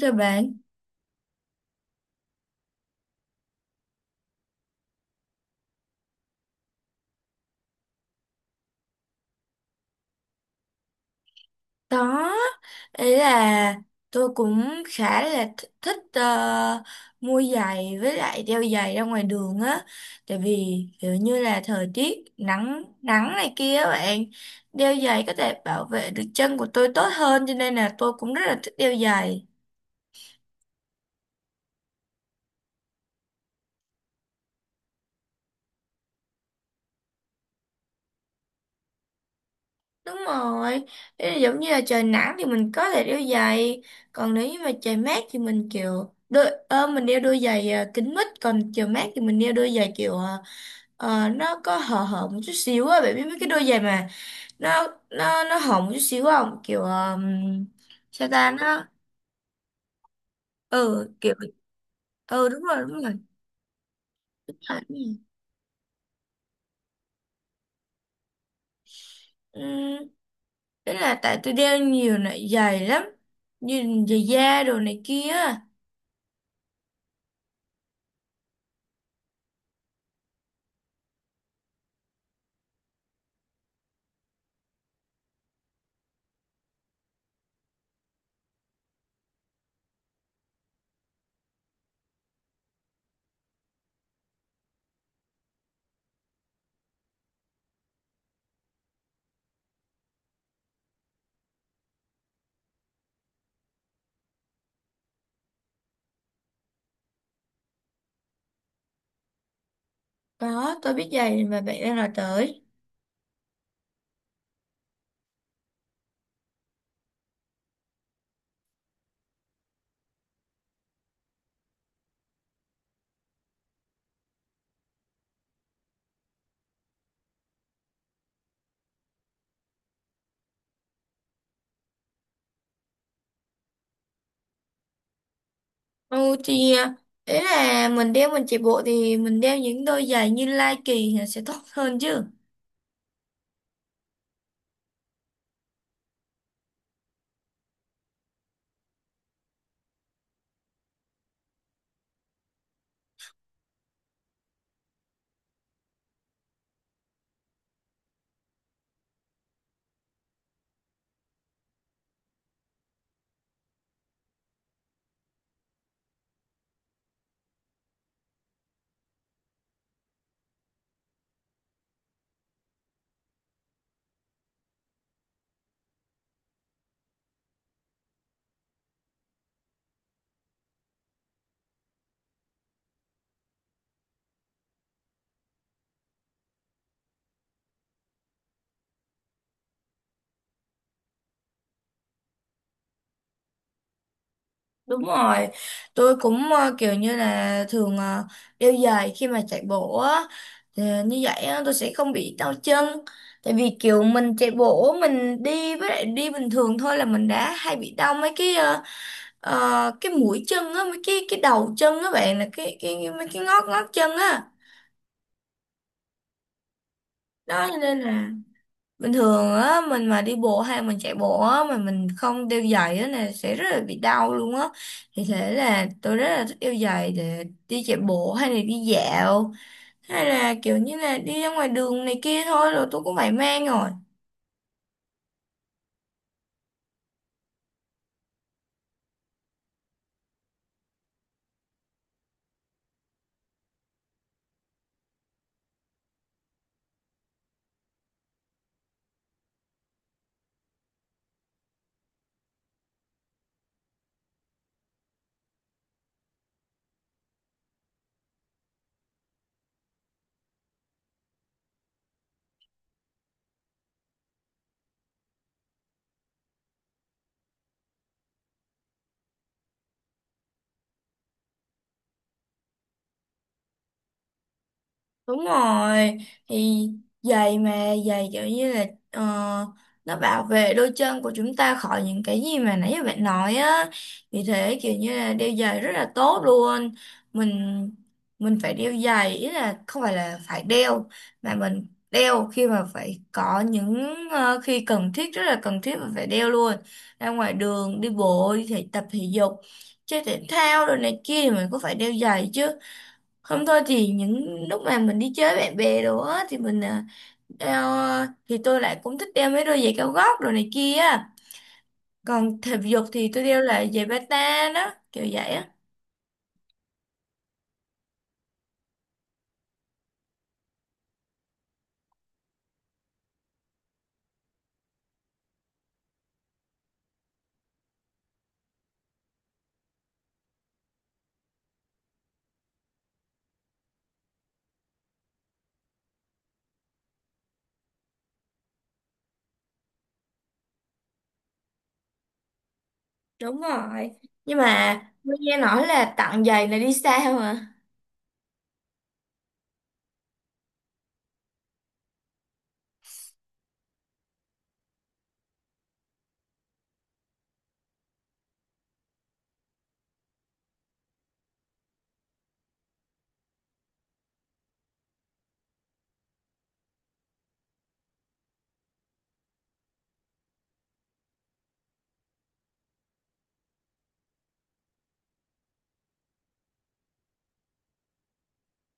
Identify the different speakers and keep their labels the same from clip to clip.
Speaker 1: Thưa bạn, có. Ý là tôi cũng khá là thích, mua giày với lại đeo giày ra ngoài đường á. Tại vì kiểu như là thời tiết nắng nắng này kia á bạn, đeo giày có thể bảo vệ được chân của tôi tốt hơn, cho nên là tôi cũng rất là thích đeo giày. Đúng rồi, ý là giống như là trời nắng thì mình có thể đeo giày, còn nếu như mà trời mát thì mình kiểu đôi, mình đeo đôi giày à, kính mít, còn trời mát thì mình đeo đôi giày kiểu à, ờ, nó có hở hở một chút xíu á, bạn biết mấy cái đôi giày mà nó hở một chút xíu không? Kiểu sao ta nó, ừ kiểu, ừ đúng rồi đúng rồi. À, đúng rồi. Ừm, Ý là tại tôi đeo nhiều loại giày lắm, như giày da đồ này kia. Có, tôi biết giày mà bạn đang nói tới. Ừ thì à, ý là mình đeo mình chạy bộ thì mình đeo những đôi giày như Nike thì sẽ tốt hơn chứ. Đúng rồi, tôi cũng à, kiểu như là thường à, đeo giày khi mà chạy bộ á, thì như vậy á, tôi sẽ không bị đau chân. Tại vì kiểu mình chạy bộ mình đi với lại đi bình thường thôi là mình đã hay bị đau mấy cái cái mũi chân á, mấy cái đầu chân á bạn, là cái mấy cái ngót ngót chân á. Đó cho nên là bình thường á mình mà đi bộ hay mình chạy bộ á mà mình không đeo giày á là sẽ rất là bị đau luôn á, thì thế là tôi rất là thích đeo giày để đi chạy bộ hay là đi dạo hay là kiểu như là đi ra ngoài đường này kia thôi, rồi tôi cũng phải mang rồi. Đúng rồi, thì giày mà giày kiểu như là ờ, nó bảo vệ đôi chân của chúng ta khỏi những cái gì mà nãy giờ bạn nói á. Vì thế kiểu như là đeo giày rất là tốt luôn. Mình mình phải đeo giày, ý là không phải là phải đeo, mà mình đeo khi mà phải có những ờ, khi cần thiết, rất là cần thiết mà phải đeo luôn. Ra ngoài đường đi bộ, đi thể tập thể dục, chơi thể thao rồi này kia thì mình cũng phải đeo giày chứ. Không thôi thì những lúc mà mình đi chơi với bạn bè đồ á thì mình à, đeo à, thì tôi lại cũng thích đeo mấy đôi giày cao gót đồ này kia á. Còn thể dục thì tôi đeo là giày bata đó, kiểu vậy á. Đúng rồi. Nhưng mà tôi nghe nói là tặng giày là đi xa mà.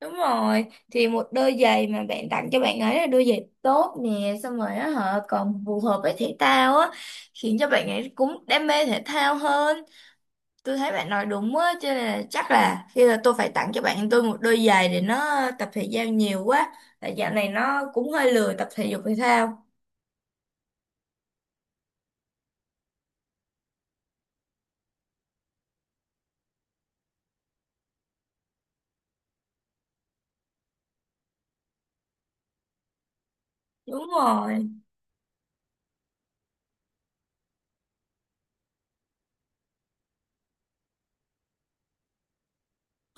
Speaker 1: Đúng rồi. Thì một đôi giày mà bạn tặng cho bạn ấy là đôi giày tốt nè, xong rồi á họ còn phù hợp với thể thao á, khiến cho bạn ấy cũng đam mê thể thao hơn. Tôi thấy bạn nói đúng á, cho nên là chắc là khi là tôi phải tặng cho bạn tôi một đôi giày để nó tập thể giao nhiều quá, tại dạo này nó cũng hơi lười tập thể dục thể thao. Đúng rồi.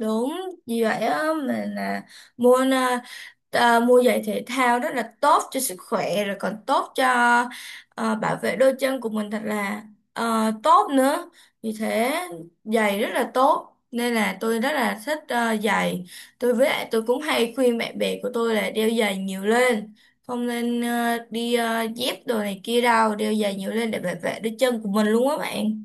Speaker 1: Đúng, vì vậy á mình là mua à, mua giày thể thao rất là tốt cho sức khỏe, rồi còn tốt cho à, bảo vệ đôi chân của mình thật là à, tốt nữa. Vì thế giày rất là tốt nên là tôi rất là thích à, giày. Tôi với lại tôi cũng hay khuyên bạn bè của tôi là đeo giày nhiều lên, không nên à, đi à, dép đồ này kia đâu, đeo giày nhiều lên để bảo vệ đôi chân của mình luôn á bạn.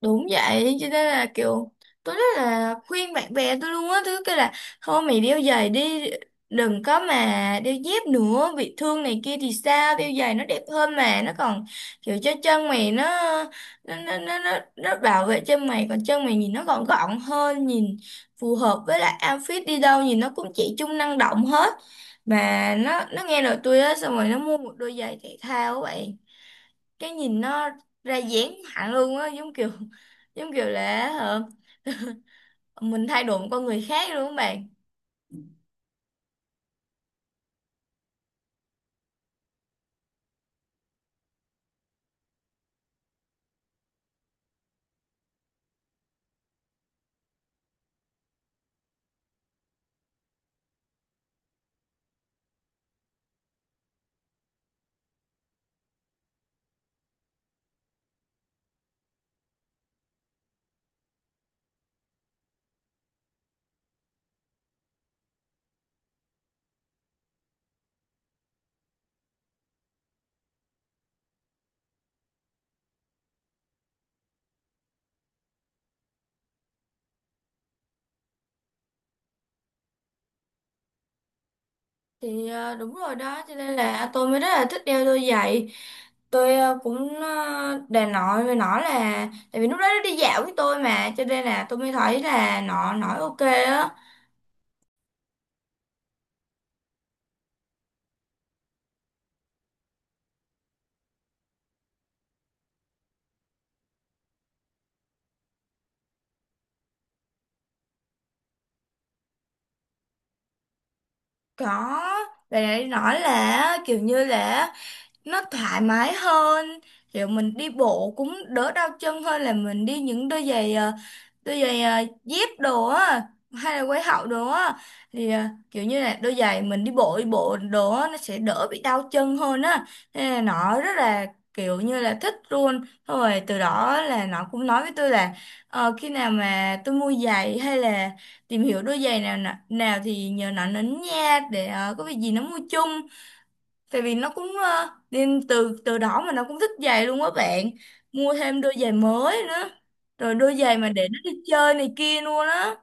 Speaker 1: Đúng vậy cho nên là kiểu tôi rất là khuyên bạn bè tôi luôn á, thứ cái là thôi mày đeo giày đi, đừng có mà đeo dép nữa bị thương này kia thì sao, đeo giày nó đẹp hơn mà nó còn kiểu cho chân mày nó, nó bảo vệ chân mày, còn chân mày nhìn nó gọn gọn hơn, nhìn phù hợp với lại outfit, đi đâu nhìn nó cũng trẻ trung năng động hết. Mà nó nghe lời tôi á, xong rồi nó mua một đôi giày thể thao vậy, cái nhìn nó ra dáng hẳn luôn á, giống kiểu là ờ, mình thay đổi một con người khác luôn các bạn. Thì ờ, đúng rồi đó cho nên là tôi mới rất là thích đeo đôi giày. Tôi ờ, cũng ờ, đề nội với nó là tại vì lúc đó nó đi dạo với tôi, mà cho nên là tôi mới thấy là nó nói ok á. Có, và nói là kiểu như là nó thoải mái hơn, kiểu mình đi bộ cũng đỡ đau chân hơn là mình đi những đôi giày ờ, dép đồ á hay là quai hậu đồ á, thì ờ, kiểu như là đôi giày mình đi bộ đồ á nó sẽ đỡ bị đau chân hơn á, nên là nó rất là kiểu như là thích luôn. Xong rồi từ đó là nó cũng nói với tôi là ờ, khi nào mà tôi mua giày hay là tìm hiểu đôi giày nào nào, nào thì nhờ nó đến nha, để ờ, có việc gì nó mua chung, tại vì nó cũng ờ, nên từ từ đó mà nó cũng thích giày luôn á bạn, mua thêm đôi giày mới nữa, rồi đôi giày mà để nó đi chơi này kia luôn á.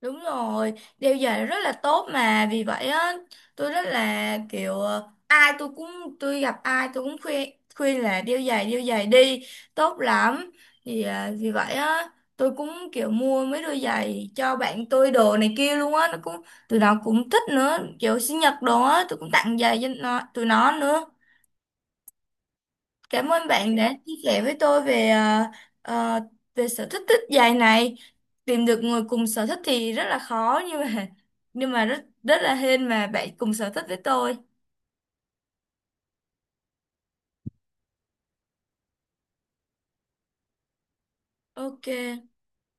Speaker 1: Đúng rồi, đeo giày rất là tốt mà, vì vậy á tôi rất là kiểu ờ, ai tôi cũng, tôi gặp ai tôi cũng khuyên, khuyên là đeo giày đi, tốt lắm. Thì à, vì vậy á tôi cũng kiểu mua mấy đôi giày cho bạn tôi đồ này kia luôn á, nó cũng, tụi nó cũng thích nữa, kiểu sinh nhật đồ á tôi cũng tặng giày cho nó tụi nó nữa. Cảm ơn bạn đã chia sẻ với tôi về ờ, về sở thích thích dài này. Tìm được người cùng sở thích thì rất là khó, nhưng mà rất rất là hên mà bạn cùng sở thích với tôi. Ok.